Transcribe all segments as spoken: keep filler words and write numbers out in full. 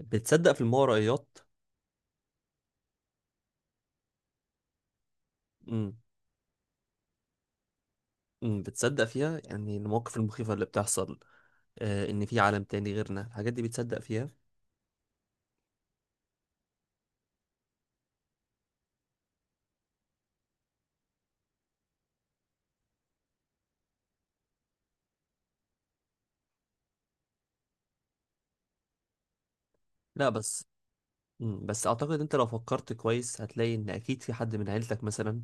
بتصدق في الماورائيات؟ امم امم بتصدق فيها، يعني المواقف المخيفة اللي بتحصل، آه ان في عالم تاني غيرنا الحاجات دي بتصدق فيها؟ لا بس، امم بس اعتقد انت لو فكرت كويس هتلاقي ان اكيد في حد من عيلتك مثلا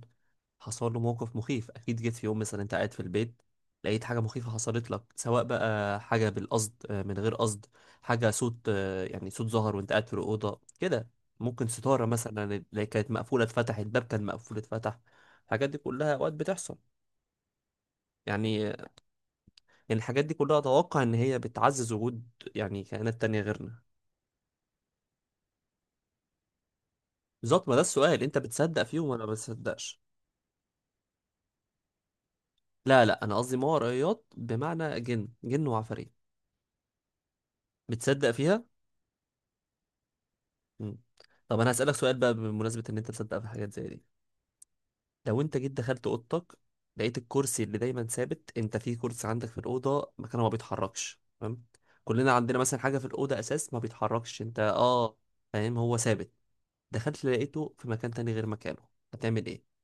حصل له موقف مخيف. اكيد جيت في يوم مثلا انت قاعد في البيت لقيت حاجة مخيفة حصلت لك، سواء بقى حاجة بالقصد، آه، من غير قصد. حاجة صوت، آه، يعني صوت ظهر وانت قاعد في الأوضة كده. ممكن ستارة مثلا اللي كانت مقفولة اتفتحت، باب كان مقفول اتفتح. الحاجات دي كلها أوقات بتحصل. يعني يعني الحاجات دي كلها اتوقع ان هي بتعزز وجود يعني كائنات تانية غيرنا. بالظبط، ما ده السؤال، انت بتصدق فيهم ولا ما بتصدقش؟ لا لا، انا قصدي ماورائيات، بمعنى جن جن وعفاريت. بتصدق فيها؟ مم. طب انا هسألك سؤال بقى بمناسبة ان انت تصدق في حاجات زي دي. لو انت جيت دخلت اوضتك، لقيت الكرسي اللي دايما ثابت، انت في كرسي عندك في الاوضة مكانه ما بيتحركش، تمام؟ كلنا عندنا مثلا حاجة في الاوضة اساس ما بيتحركش، انت اه فاهم، هو ثابت. دخلت لقيته في مكان تاني غير مكانه، هتعمل ايه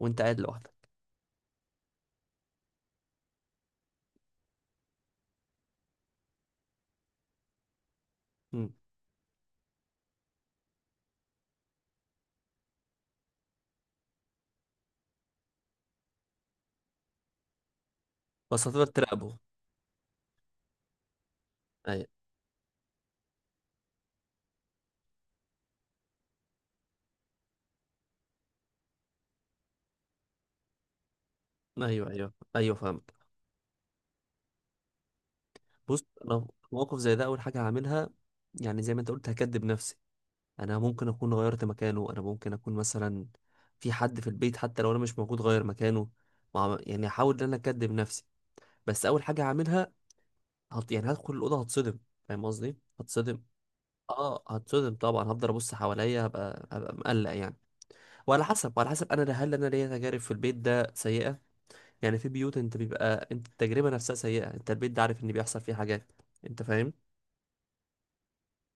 وانت قاعد لوحدك؟ مم. بس هتقدر تراقبه؟ ايوه، ايوه، ايوه، ايوه، فاهمك. بص انا في موقف زي ده، اول حاجه هعملها يعني زي ما انت قلت، هكدب نفسي. انا ممكن اكون غيرت مكانه، انا ممكن اكون مثلا في حد في البيت حتى لو انا مش موجود غير مكانه. مع... يعني هحاول ان انا اكدب نفسي. بس اول حاجه هعملها، هت... يعني هدخل الاوضه، هتصدم. فاهم قصدي؟ هتصدم. اه هتصدم طبعا، هفضل ابص حواليا، هبقى هبقى مقلق يعني. وعلى حسب وعلى حسب انا، هل انا ليا تجارب في البيت ده سيئه؟ يعني في بيوت انت بيبقى انت التجربه نفسها سيئه، انت البيت ده عارف ان بيحصل فيه حاجات، انت فاهم؟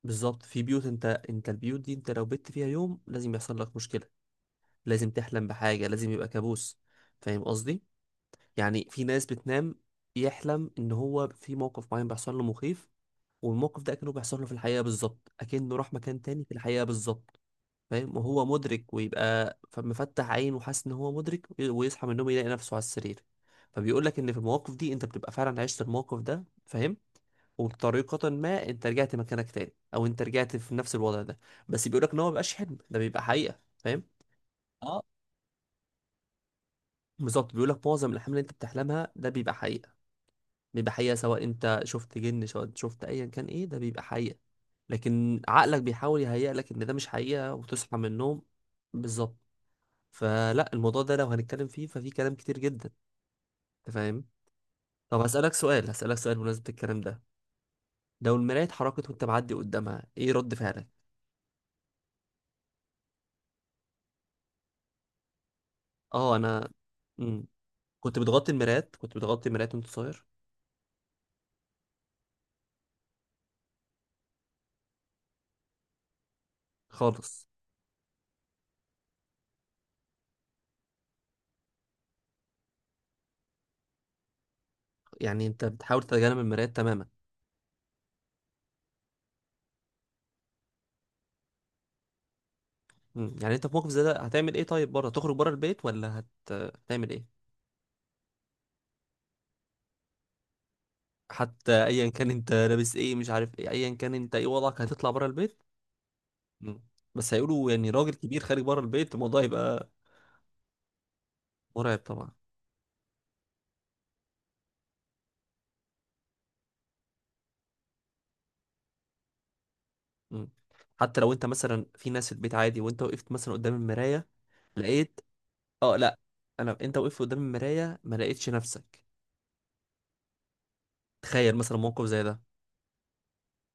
بالظبط. في بيوت، انت انت البيوت دي انت لو بت فيها يوم لازم يحصل لك مشكله، لازم تحلم بحاجه، لازم يبقى كابوس. فاهم قصدي؟ يعني في ناس بتنام يحلم ان هو في موقف معين بيحصل له مخيف، والموقف ده اكنه بيحصل له في الحقيقه بالظبط، اكنه راح مكان تاني في الحقيقه بالظبط. فاهم؟ وهو مدرك ويبقى فمفتح عين وحاسس ان هو مدرك، ويصحى من النوم يلاقي نفسه على السرير. فبيقول لك ان في المواقف دي انت بتبقى فعلا عشت الموقف ده. فاهم؟ وبطريقة ما انت رجعت مكانك تاني او انت رجعت في نفس الوضع ده. بس بيقول لك ان هو مبيبقاش حلم، ده بيبقى حقيقة. فاهم؟ اه بالظبط، بيقول لك معظم الاحلام اللي انت بتحلمها ده بيبقى حقيقة، بيبقى حقيقة سواء انت شفت جن، سواء انت شفت ايا كان، ايه ده بيبقى حقيقة. لكن عقلك بيحاول يهيئ لك ان ده مش حقيقة وتصحى من النوم. بالظبط. فلا الموضوع ده لو هنتكلم فيه ففي كلام كتير جدا. انت فاهم؟ طب هسألك سؤال هسألك سؤال بمناسبة الكلام ده. لو المراية اتحركت وانت معدي قدامها، ايه رد فعلك؟ اه انا مم. كنت بتغطي المرايات كنت بتغطي المرايات وانت صغير؟ خالص. يعني انت بتحاول تتجنب المرايات تماما؟ مم. يعني انت في موقف زي ده هتعمل ايه؟ طيب بره، تخرج بره البيت ولا هت... هتعمل ايه؟ حتى ايا كان انت لابس ايه مش عارف ايه، ايا كان انت ايه وضعك، هتطلع بره البيت؟ مم. بس هيقولوا يعني راجل كبير خارج بره البيت، الموضوع يبقى مرعب طبعا. مم. حتى لو انت مثلا في ناس في البيت عادي، وانت وقفت مثلا قدام المرايه لقيت... اه لا انا، انت وقفت قدام المرايه ما لقيتش نفسك. تخيل مثلا موقف زي ده،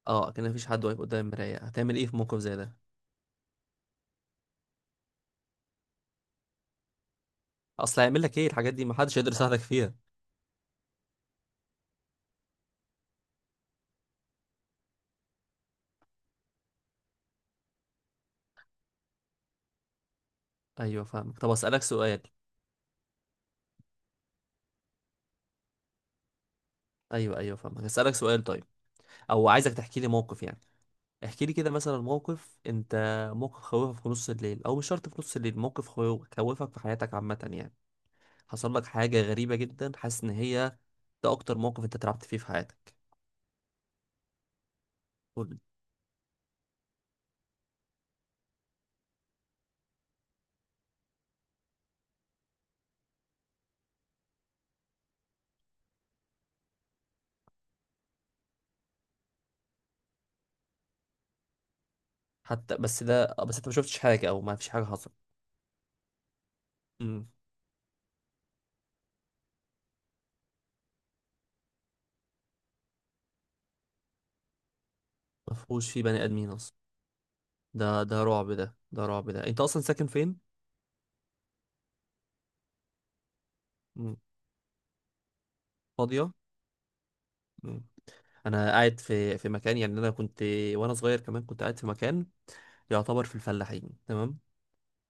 اه كان مفيش حد واقف قدام المرايه، هتعمل ايه في موقف زي ده؟ اصل هيعمل لك ايه الحاجات دي، ما حدش يقدر يساعدك فيها. ايوه فاهمك، طب اسالك سؤال، ايوه ايوه فاهمك، اسالك سؤال طيب، او عايزك تحكي لي موقف يعني. احكي لي كده مثلا موقف انت... موقف خوفك في نص الليل، او مش شرط في نص الليل، موقف خوفك خوفك في حياتك عامه يعني. حصل لك حاجه غريبه جدا حاسس ان هي... ده اكتر موقف انت اترعبت فيه في حياتك؟ قول لي. حتى بس ده، بس انت ما شفتش حاجه او ما فيش حاجه حصلت؟ امم ما فيهوش فيه بني ادمين اصلا، ده ده رعب ده، ده رعب ده، انت اصلا ساكن فين؟ امم فاضيه. امم انا قاعد في في مكان يعني انا كنت، وانا صغير كمان كنت قاعد في مكان يعتبر في الفلاحين، تمام؟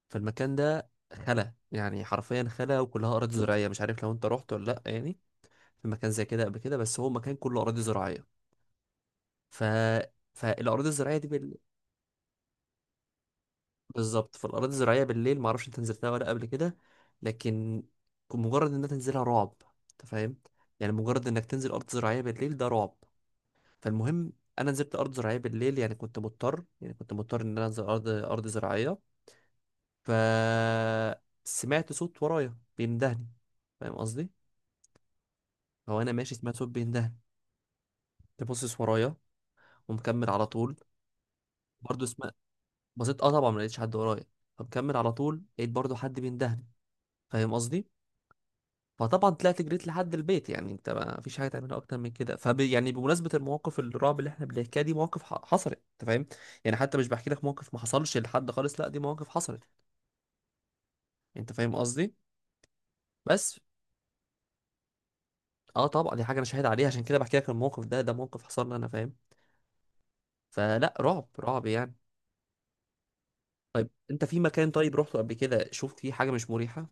فالمكان ده خلا، يعني حرفيا خلا، وكلها اراضي زراعيه. مش عارف لو انت رحت ولا لا يعني، في مكان زي كده قبل كده. بس هو مكان كله اراضي زراعيه. ف فالاراضي الزراعيه دي بالظبط، فالأراضي الزراعية بالليل معرفش انت نزلتها ولا قبل كده، لكن مجرد انك تنزلها رعب. انت فاهم؟ يعني مجرد انك تنزل أرض زراعية بالليل ده رعب. فالمهم، أنا نزلت أرض زراعية بالليل، يعني كنت مضطر يعني كنت مضطر إن أنا أنزل أرض أرض زراعية. فسمعت صوت ورايا بيندهني. فاهم قصدي؟ هو أنا ماشي سمعت صوت بيندهني. تبصص ورايا، ومكمل على طول. برضه سمعت. بصيت، اه طبعا ما لقيتش حد ورايا، فمكمل على طول لقيت برضه حد بيندهني. فاهم قصدي؟ فطبعا طلعت جريت لحد البيت، يعني انت ما فيش حاجه تعملها اكتر من كده. فب يعني بمناسبه المواقف الرعب اللي احنا بنحكيها، دي مواقف ح- حصلت. انت فاهم؟ يعني حتى مش بحكي لك موقف ما حصلش لحد خالص، لا دي مواقف حصلت. انت فاهم قصدي؟ بس. اه طبعا دي حاجه انا شاهد عليها عشان كده بحكي لك الموقف ده، ده موقف حصل لي انا. فاهم؟ فلا، رعب، رعب يعني. طيب انت في مكان طيب رحته قبل كده شفت فيه حاجه مش مريحه؟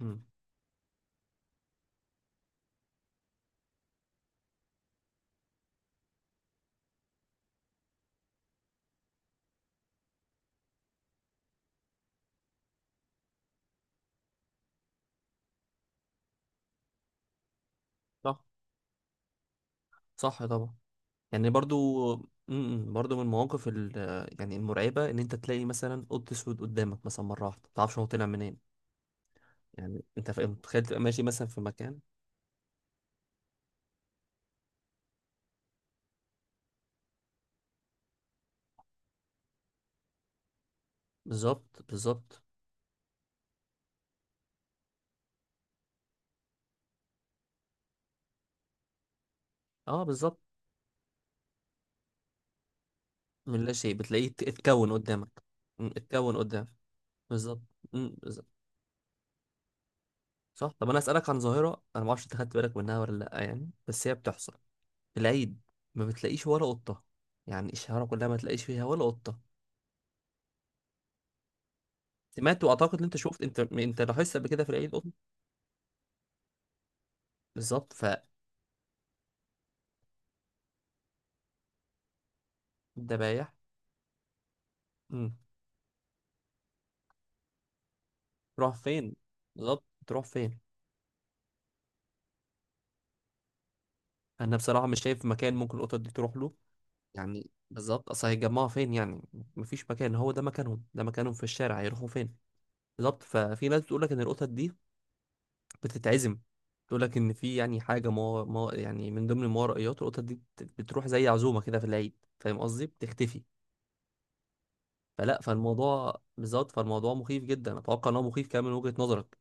امم صح، صح طبعا. يعني برضو م- م- برضو من المواقف ال- يعني المرعبة إن أنت تلاقي مثلا قط أسود قدامك مثلا مرة واحدة ما تعرفش هو طلع منين. يعني أنت فاهم، متخيل تبقى ماشي مثلا في مكان. بالظبط، بالظبط. أه بالظبط. من لا شيء بتلاقيه ات- اتكون قدامك. م، اتكون قدامك. بالظبط. م، بالظبط. صح. طب أنا أسألك عن ظاهرة، أنا معرفش أنت خدت بالك منها ولا لأ يعني، بس هي بتحصل في العيد، ما بتلاقيش ولا قطة، يعني الشوارع كلها ما تلاقيش فيها ولا قطة. سمعت واعتقد ان انت شفت انت انت لاحظت قبل كده في العيد قطه. بالظبط. الدبايح. امم تروح فين، بالظبط تروح فين. انا بصراحه مش شايف مكان ممكن القطط دي تروح له، يعني بالظبط اصل هيتجمعوا فين يعني، مفيش مكان، هو ده مكانهم، ده مكانهم في الشارع، هيروحوا فين؟ بالظبط. ففي ناس بتقول لك ان القطط دي بتتعزم. تقول لك ان في يعني حاجه ما, ما يعني من ضمن الماورائيات، القطط دي بت- بتروح زي عزومه كده في العيد. فاهم قصدي؟ بتختفي. فلا فالموضوع بالظبط، فالموضوع مخيف جدا. اتوقع ان هو مخيف كمان من وجهه نظرك.